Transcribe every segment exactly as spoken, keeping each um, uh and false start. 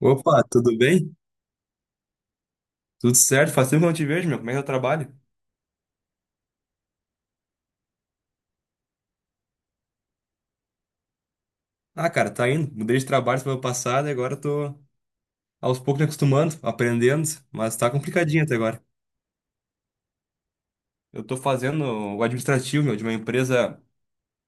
Opa, tudo bem? Tudo certo? Faz tempo que eu não te vejo, meu. Como é que é o trabalho? Ah, cara, tá indo. Mudei de trabalho semana passada e agora tô aos poucos me acostumando, aprendendo, mas tá complicadinho até agora. Eu tô fazendo o administrativo, meu, de uma empresa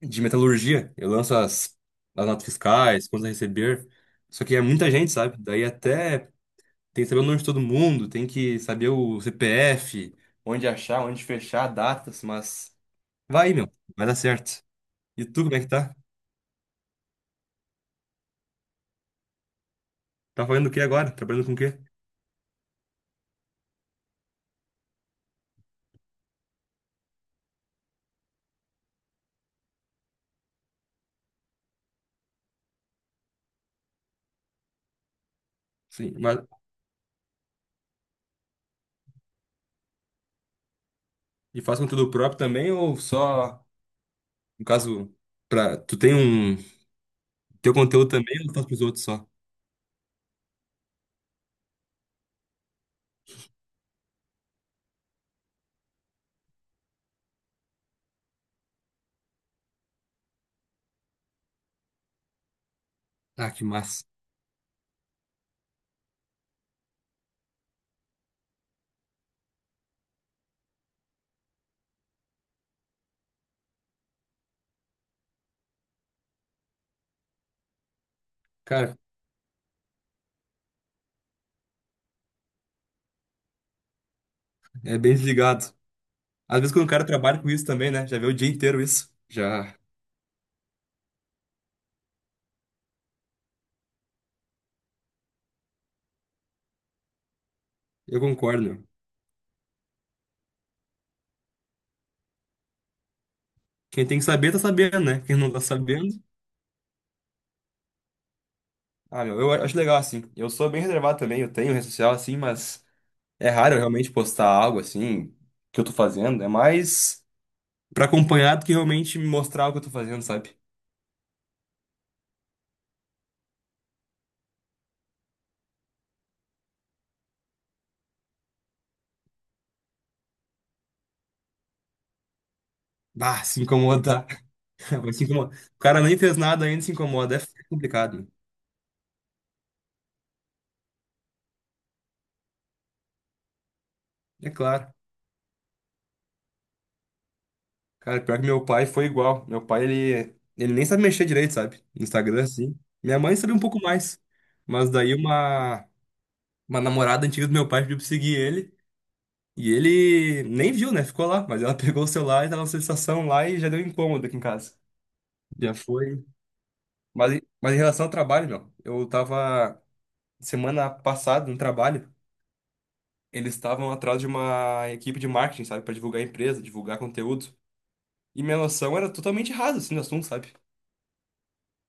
de metalurgia. Eu lanço as, as notas fiscais, contas a receber. Só que é muita gente, sabe? Daí até tem que saber o nome de todo mundo, tem que saber o C P F, onde achar, onde fechar, datas, mas vai, meu, vai dar certo. E tu, como é que tá? Tá fazendo o que agora? Trabalhando com o quê? Sim, mas e faz conteúdo próprio também ou só, no caso, pra, tu tem um, teu conteúdo também ou tu faz pros outros só? Ah, que massa. Cara, é bem desligado. Às vezes quando o cara trabalha com isso também, né? Já vê o dia inteiro isso. Já, eu concordo, meu. Quem tem que saber, tá sabendo, né? Quem não tá sabendo... Ah, meu, eu acho legal, assim. Eu sou bem reservado também, eu tenho rede social, assim, mas é raro eu realmente postar algo, assim, que eu tô fazendo. É mais pra acompanhar do que realmente me mostrar o que eu tô fazendo, sabe? Ah, se incomoda. Vai se incomodar. O cara nem fez nada ainda e se incomoda. É complicado. É claro. Cara, pior que meu pai foi igual. Meu pai, ele, ele nem sabe mexer direito, sabe? No Instagram, assim. Minha mãe sabe um pouco mais. Mas daí uma, uma namorada antiga do meu pai pediu pra seguir ele. E ele nem viu, né? Ficou lá. Mas ela pegou o celular e tava na sensação lá e já deu incômodo aqui em casa. Já foi. Mas, em- mas em relação ao trabalho, meu, eu tava semana passada no trabalho. Eles estavam atrás de uma equipe de marketing, sabe, pra divulgar a empresa, divulgar conteúdo. E minha noção era totalmente rasa, assim, do assunto, sabe?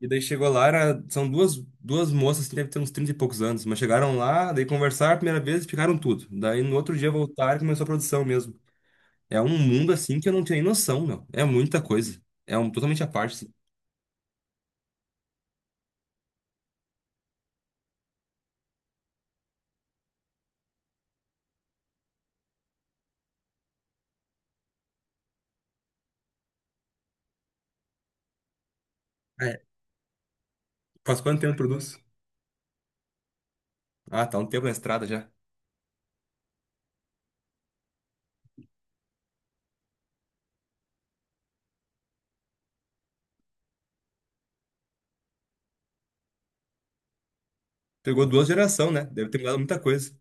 E daí chegou lá, era, são duas, duas moças que devem ter uns trinta e poucos anos, mas chegaram lá, daí conversaram a primeira vez e ficaram tudo. Daí no outro dia voltaram e começou a produção mesmo. É um mundo assim que eu não tinha nem noção, meu. É muita coisa. É um totalmente à parte, assim. É. Faz quanto tempo produz? Ah, tá um tempo na estrada já. Pegou duas gerações, né? Deve ter mudado muita coisa.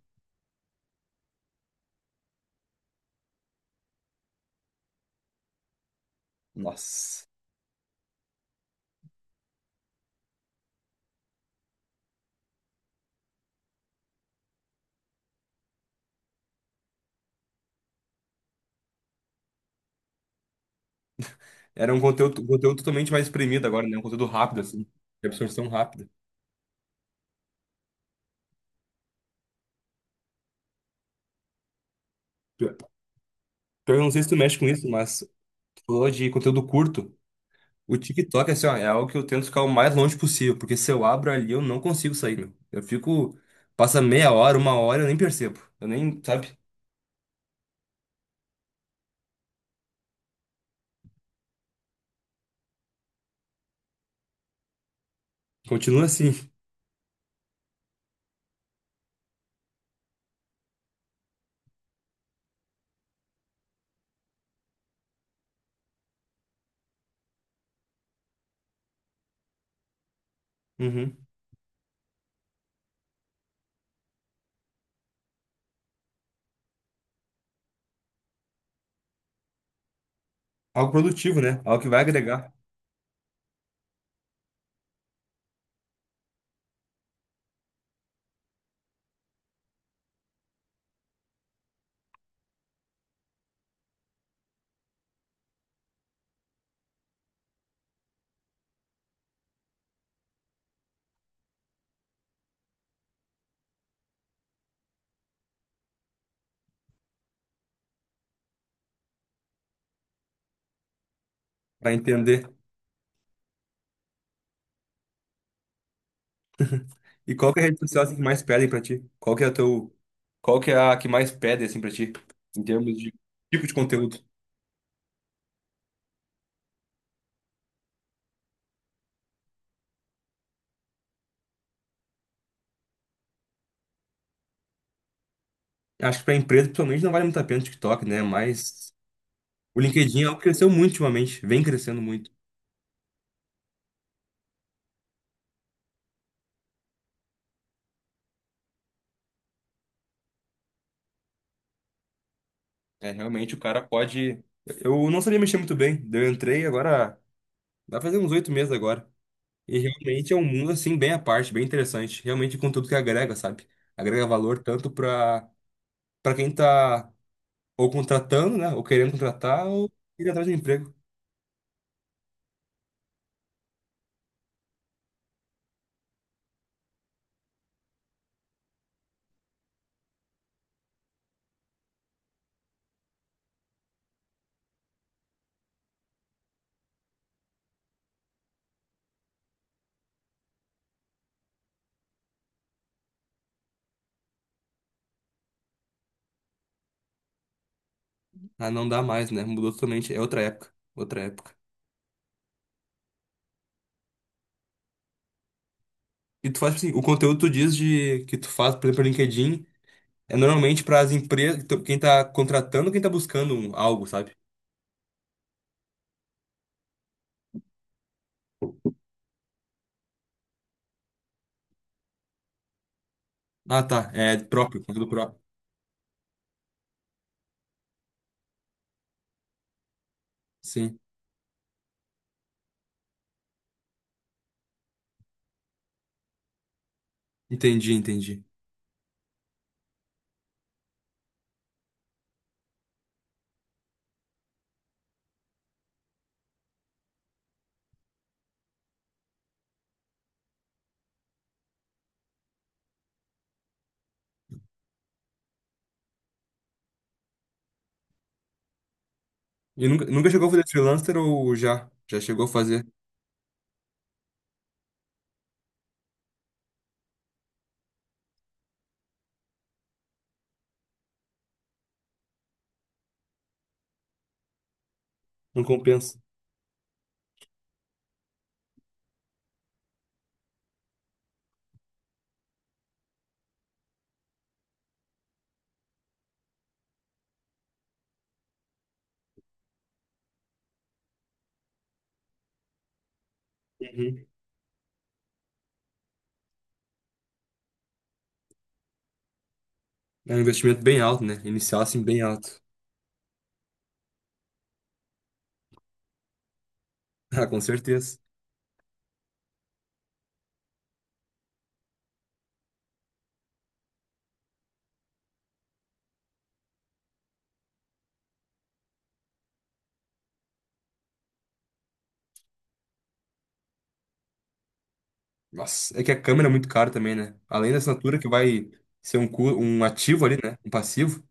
Nossa. Era um conteúdo, um conteúdo totalmente mais espremido agora, né? Um conteúdo rápido, assim. De absorção rápida. Pior pior que eu não sei se tu mexe com isso, mas tu falou de conteúdo curto. O TikTok, assim, ó, é algo que eu tento ficar o mais longe possível, porque se eu abro ali, eu não consigo sair, meu. Eu fico. Passa meia hora, uma hora, eu nem percebo. Eu nem, sabe? Continua assim. Uhum. Algo produtivo, né? Algo que vai agregar, pra entender. E qual que é a rede social assim, que mais pedem pra ti? Qual que é a teu. Qual que é a que mais pede, assim, pra ti? Em termos de tipo de conteúdo. Acho que para empresa, principalmente, não vale muito a pena o TikTok, né? Mas o LinkedIn é algo que cresceu muito ultimamente, vem crescendo muito. É, realmente, o cara pode. Eu não sabia mexer muito bem. Daí eu entrei agora, vai fazer uns oito meses agora. E realmente é um mundo, assim, bem à parte, bem interessante. Realmente, conteúdo que agrega, sabe? Agrega valor tanto para para quem tá ou contratando, né? Ou querendo contratar, ou ir atrás de um emprego. Ah, não dá mais, né? Mudou totalmente. É outra época. Outra época. E tu faz assim, o conteúdo tu diz de que tu faz, por exemplo, no LinkedIn. É normalmente para as empresas, então, quem tá contratando, quem tá buscando um- algo, sabe? Ah, tá. É próprio, conteúdo próprio. Sim. Entendi, entendi. E nunca, nunca chegou a fazer freelancer ou já? Já chegou a fazer? Não compensa. Uhum. É um investimento bem alto, né? Inicial, assim, bem alto. Ah, com certeza. Nossa, é que a câmera é muito cara também, né? Além da assinatura que vai ser um, cu- um ativo ali, né? Um passivo.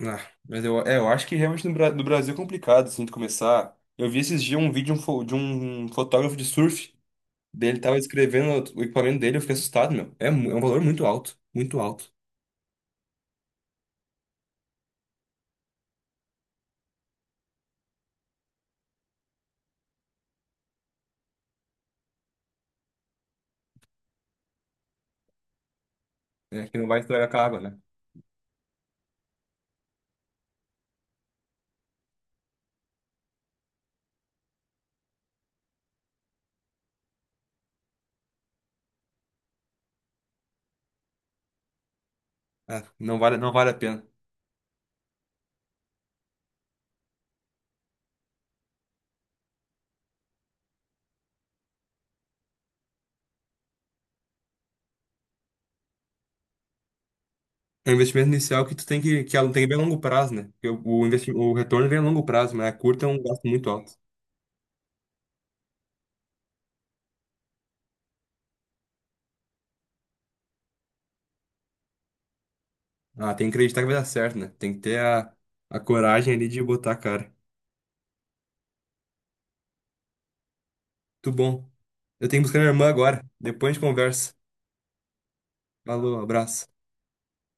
Ah, mas eu, é, eu acho que realmente no, Bra- no Brasil é complicado, assim, de começar. Eu vi esses dias um vídeo de um fo- de um fotógrafo de surf. Daí ele tava descrevendo o equipamento dele, eu fiquei assustado, meu. É, mu- é um valor muito alto, muito alto. É, que não vai estragar com a água, né? Ah, não vale, não vale a pena. É um investimento inicial que tu tem que, que ela tem que ver a longo prazo, né? Porque o, o, investi- o retorno vem a longo prazo, mas a curta é um gasto muito alto. Ah, tem que acreditar que vai dar certo, né? Tem que ter a, a coragem ali de botar a cara. Muito bom. Eu tenho que buscar minha irmã agora. Depois a gente conversa. Falou, abraço.